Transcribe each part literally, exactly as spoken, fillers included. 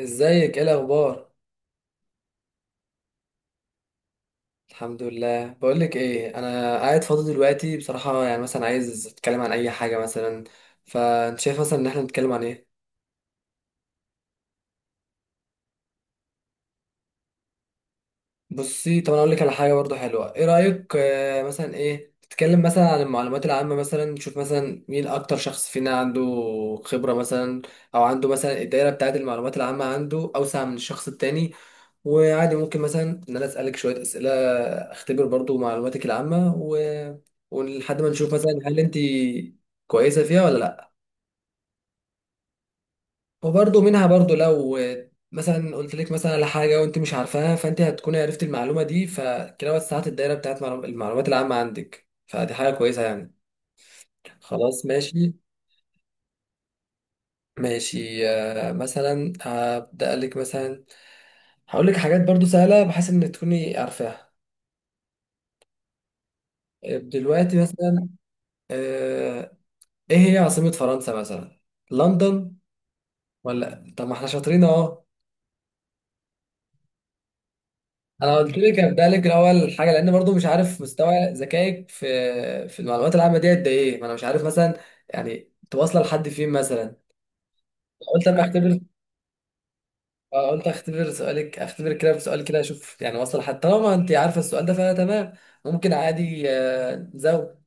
ازيك؟ ايه الاخبار؟ الحمد لله. بقولك ايه، انا قاعد فاضي دلوقتي بصراحه، يعني مثلا عايز اتكلم عن اي حاجه مثلا، فانت شايف مثلا ان احنا نتكلم عن ايه؟ بصي، طب انا اقول لك على حاجه برضو حلوه، ايه رايك؟ آه، مثلا ايه، نتكلم مثلا عن المعلومات العامه، مثلا نشوف مثلا مين اكتر شخص فينا عنده خبره مثلا، او عنده مثلا الدايره بتاعه المعلومات العامه عنده اوسع من الشخص التاني. وعادي ممكن مثلا ان انا اسالك شويه اسئله، اختبر برضو معلوماتك العامه و... ولحد ما نشوف مثلا هل انت كويسه فيها ولا لا. وبرضو منها برضو، لو مثلا قلت لك مثلا على حاجه وانت مش عارفاها، فانت هتكون عرفت المعلومه دي، فكده وسعت الدايره بتاعت معلوم- المعلومات العامه عندك، فدي حاجه كويسه يعني. خلاص ماشي. ماشي، آه، مثلا هبدا لك مثلا، هقول لك حاجات برضو سهله بحيث ان تكوني عارفاها. آه، دلوقتي مثلا، آه، ايه هي عاصمة فرنسا مثلا؟ لندن؟ ولا طب، ما احنا شاطرين اهو. انا قلت لك ابدا لك الاول حاجه، لان برضو مش عارف مستوى ذكائك في في المعلومات العامه دي قد ايه، ما انا مش عارف مثلا يعني تواصل لحد فين مثلا. قلت اما اختبر، آه، قلت اختبر سؤالك، اختبر كده بسؤال كده اشوف يعني واصل لحد، طالما انت عارفه السؤال ده فانا تمام، ممكن عادي آه، نزود.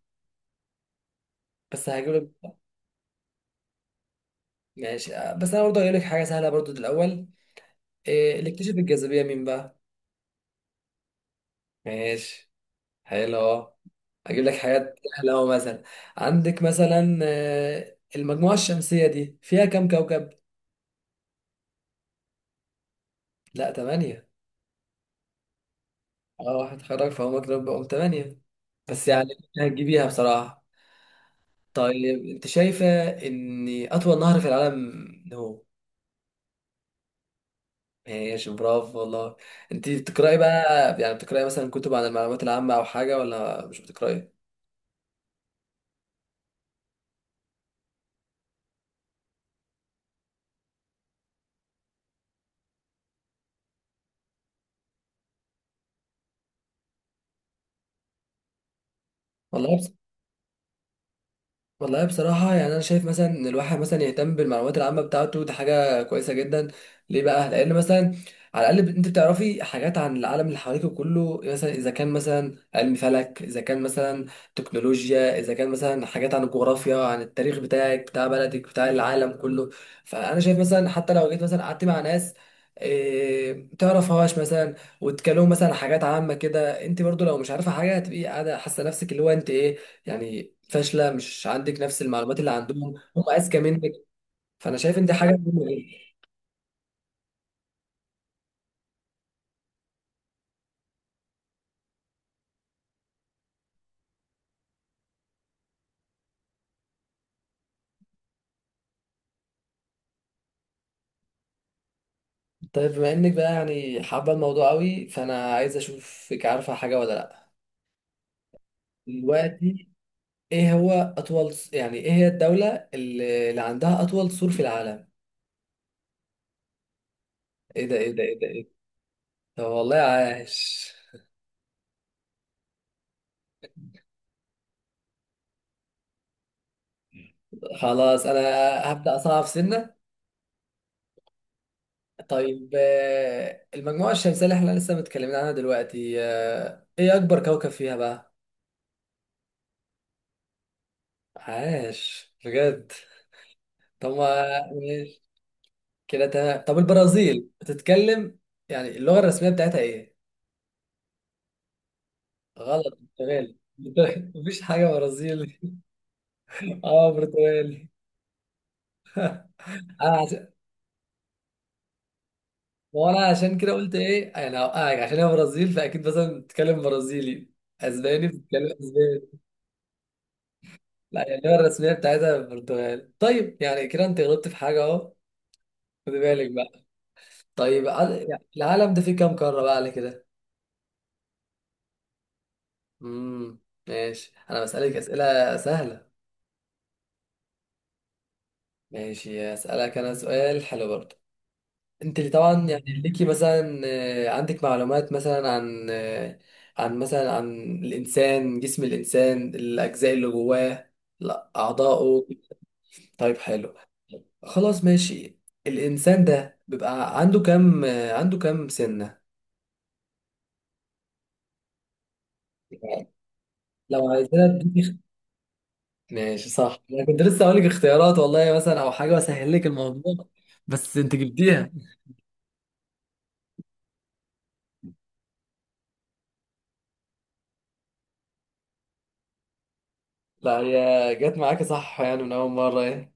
بس هجيب لك. ماشي، آه، بس انا برضو هجيب لك حاجه سهله برضو دي الاول. إيه اللي اكتشف الجاذبيه؟ مين بقى؟ ماشي، حلو. اجيب لك حاجات سهله أهو مثلا. عندك مثلا آه، المجموعه الشمسيه دي فيها كام كوكب؟ لا، ثمانية. اه هتخرج فهم كده، بقوا ثمانية، بس يعني إنت هتجيبيها بصراحه. طيب انت شايفه ان اطول نهر في العالم هو؟ ماشي، برافو والله. انت بتقراي بقى يعني؟ بتقراي مثلا كتب عن المعلومات العامه او حاجه، ولا مش بتقراي؟ والله والله، بصراحة يعني أنا شايف مثلا إن الواحد مثلا يهتم بالمعلومات العامة بتاعته، دي حاجة كويسة جدا. ليه بقى؟ لأن مثلا على الأقل أنت بتعرفي حاجات عن العالم اللي حواليك كله، مثلا إذا كان مثلا علم فلك، إذا كان مثلا تكنولوجيا، إذا كان مثلا حاجات عن الجغرافيا، عن التاريخ بتاعك، بتاع بلدك، بتاع العالم كله. فأنا شايف مثلا حتى لو جيت مثلا قعدت مع ناس إيه تعرفهاش مثلا، وتكلموا مثلا عن حاجات عامة كده، انت برضو لو مش عارفة حاجة هتبقي قاعدة حاسة نفسك اللي هو انت ايه يعني، فاشله، مش عندك نفس المعلومات اللي عندهم، هم اذكى منك. فانا شايف ان دي حاجه مهمه جدا. طيب بما انك بقى يعني حابه الموضوع قوي، فانا عايز اشوفك عارفه حاجه ولا لا. دلوقتي ايه هو اطول، يعني ايه هي الدوله اللي اللي عندها اطول سور في العالم؟ ايه ده ايه ده ايه ده ايه ده؟ طب والله عاش. خلاص انا هبدا اصعب سنه. طيب، آه، المجموعه الشمسيه اللي احنا لسه متكلمين عنها دلوقتي، آه، ايه اكبر كوكب فيها بقى؟ عاش بجد. طب ما ماشي كده تمام. طب البرازيل بتتكلم يعني اللغة الرسمية بتاعتها ايه؟ غلط، برتغالي، برتغالي. مفيش حاجة برازيلي. اه برتغالي. انا عشان، ما هو انا عشان كده قلت ايه، انا هوقعك، عشان هي برازيل فاكيد مثلا بتتكلم برازيلي، اسباني بتتكلم اسباني. لا، يعني اللغة الرسمية بتاعتها برتغالي. طيب يعني كده انت غلطت في حاجة اهو، خد بالك بقى. طيب عد- يعني العالم ده فيه كام قارة بقى على كده؟ امم، ماشي. انا بسألك أسئلة سهلة. ماشي، اسالك انا سؤال حلو برضه. انت اللي طبعا يعني ليكي مثلا، آه، عندك معلومات مثلا عن آه، عن مثلا عن الانسان، جسم الانسان، الاجزاء اللي جواه، لا اعضائه. طيب حلو، خلاص ماشي. الانسان ده بيبقى عنده كام آه، عنده كام سنة؟ لو عايزنا تديني اخت- ماشي صح، انا كنت لسه هقول لك اختيارات والله مثلا او حاجه اسهل لك الموضوع، بس انت جبتيها. لا هي جت معاك صح يعني من اول مره يعني.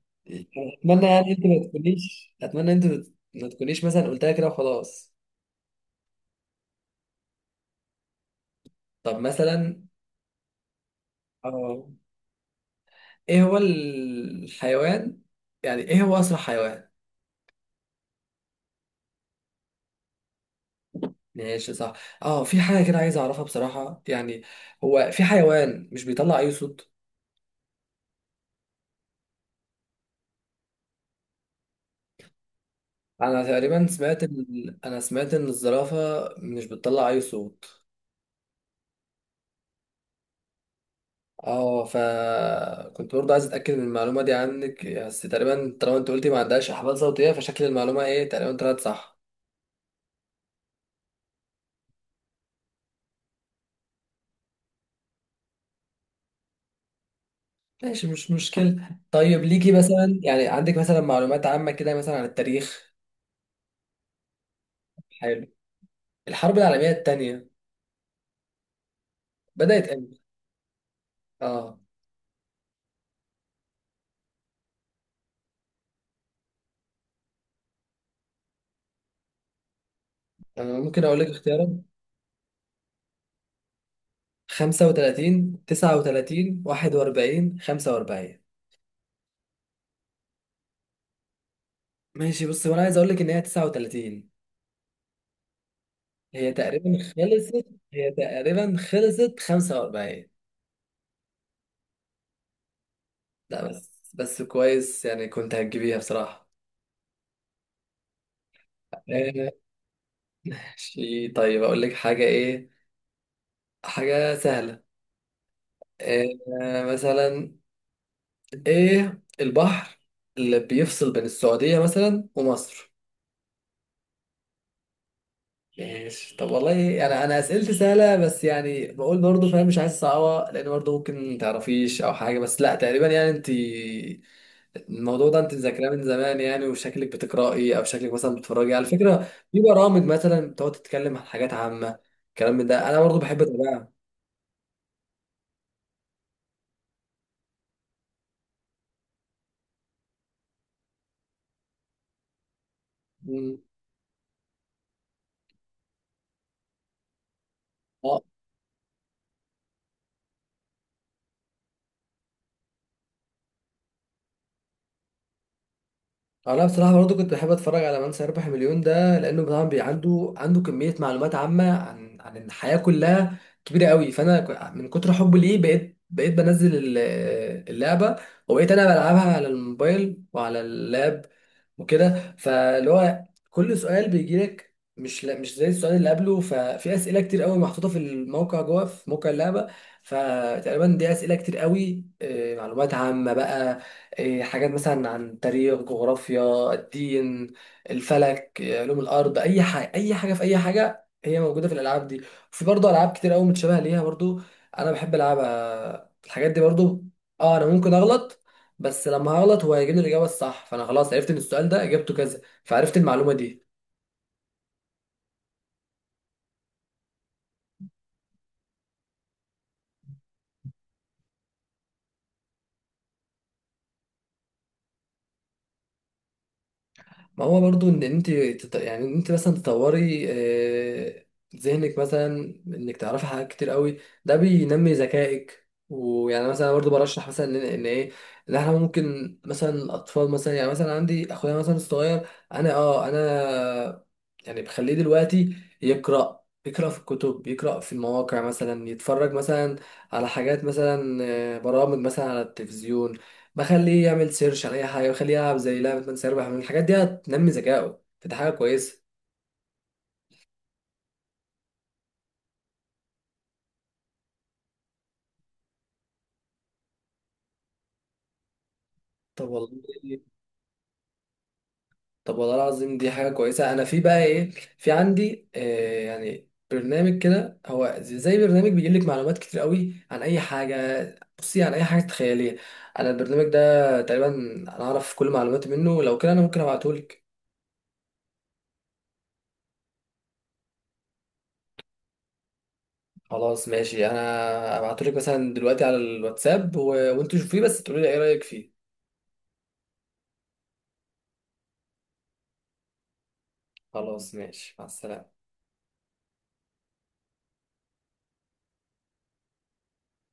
اتمنى يعني انت ما تكونيش، اتمنى انت ما تكونيش مثلا قلتها كده وخلاص. طب مثلا اه، ايه هو الحيوان، يعني ايه هو اسرع حيوان؟ ماشي صح. اه في حاجه كده عايز اعرفها بصراحه يعني، هو في حيوان مش بيطلع اي صوت؟ انا تقريبا سمعت ال... انا سمعت ان الزرافه مش بتطلع اي صوت. اه فكنت برضه عايز اتاكد من المعلومه دي عنك، بس تقريبا طالما انت قلتي ما عندهاش احبال صوتيه، فشكل المعلومه ايه تقريبا طلعت صح. ماشي مش مشكله. طيب ليكي مثلا يعني عندك مثلا معلومات عامه كده مثلا عن التاريخ؟ حلو. الحرب العالميه الثانيه بدات امتى؟ اه انا ممكن اقول لك اختيارات. خمسة وتلاتين، تسعة وتلاتين، واحد واربعين، خمسة واربعين. ماشي بص، وانا عايز اقول لك ان هي تسعة وثلاثين. هي تقريبا خلصت، هي تقريبا خلصت خمسة واربعين. لا بس، بس كويس يعني، كنت هتجيبيها بصراحة. ماشي، طيب أقول لك حاجة إيه، حاجة سهلة. إيه مثلا، إيه البحر اللي بيفصل بين السعودية مثلا ومصر؟ ماشي. طب والله أنا أنا أسئلتي سهلة، بس يعني بقول برضه، فاهم مش عايز صعبة، لأن برضه ممكن متعرفيش أو حاجة، بس لا تقريبا يعني أنت الموضوع ده انت ذاكراه من زمان يعني، وشكلك بتقرأي، او شكلك مثلا بتتفرجي، على فكرة في برامج مثلا بتقعد تتكلم عن حاجات عامة الكلام من ده، انا برضو بحب اتابعها. مم. آه. انا بصراحه برضو كنت بحب اتفرج على من سيربح مليون ده، لانه طبعا بي- عنده عنده كميه معلومات عامه عن عن الحياه كلها كبيره قوي. فانا ك- من كتر حبي ليه بقيت بقيت بنزل ال- اللعبه، وبقيت انا بلعبها على الموبايل وعلى اللاب وكده. فاللي هو كل سؤال بيجي لك مش لا- مش زي السؤال اللي قبله، ففي اسئله كتير قوي محطوطه في الموقع جوه، في موقع اللعبه. فتقريبا دي اسئله كتير قوي، آه، معلومات عامه بقى، إيه، حاجات مثلا عن تاريخ، جغرافيا، الدين، الفلك، إيه، علوم الارض، اي حاجه اي حاجه في اي حاجه هي موجوده في الالعاب دي. وفي برضه العاب كتير قوي متشابهه ليها برضه، انا بحب العبها الحاجات دي برضه. اه انا ممكن اغلط، بس لما هغلط هو هيجيب لي الاجابه الصح، فانا خلاص عرفت ان السؤال ده اجابته كذا، فعرفت المعلومه دي. ما هو برضو ان انت تط- يعني ان انت مثلا تطوري آه، ذهنك مثلا، انك تعرفي حاجات كتير قوي، ده بينمي ذكائك. ويعني مثلا برضو برشح مثلا ان إن ايه، ان احنا ممكن مثلا الاطفال مثلا، يعني مثلا عندي اخويا مثلا الصغير، انا اه انا يعني بخليه دلوقتي يقرا، يقرا في الكتب، يقرا في المواقع، مثلا يتفرج مثلا على حاجات مثلا، آه، برامج مثلا على التلفزيون، بخليه يعمل سيرش على اي حاجه، بخليه يلعب زي لعبه من سيربح، من الحاجات دي هتنمي ذكائه، فدي حاجه كويسه. طب والله، طب والله العظيم دي حاجه كويسه. انا في بقى ايه، في عندي آه يعني برنامج كده، هو زي زي برنامج بيجيب لك معلومات كتير قوي عن اي حاجه. بصي، عن اي حاجه تخيليها انا البرنامج ده تقريبا انا اعرف كل معلوماتي منه. لو كده انا ممكن ابعته لك. خلاص ماشي، انا ابعته لك مثلا دلوقتي على الواتساب و... وانتوا شوفيه، بس تقولي لي ايه رايك فيه. خلاص ماشي، مع السلامه.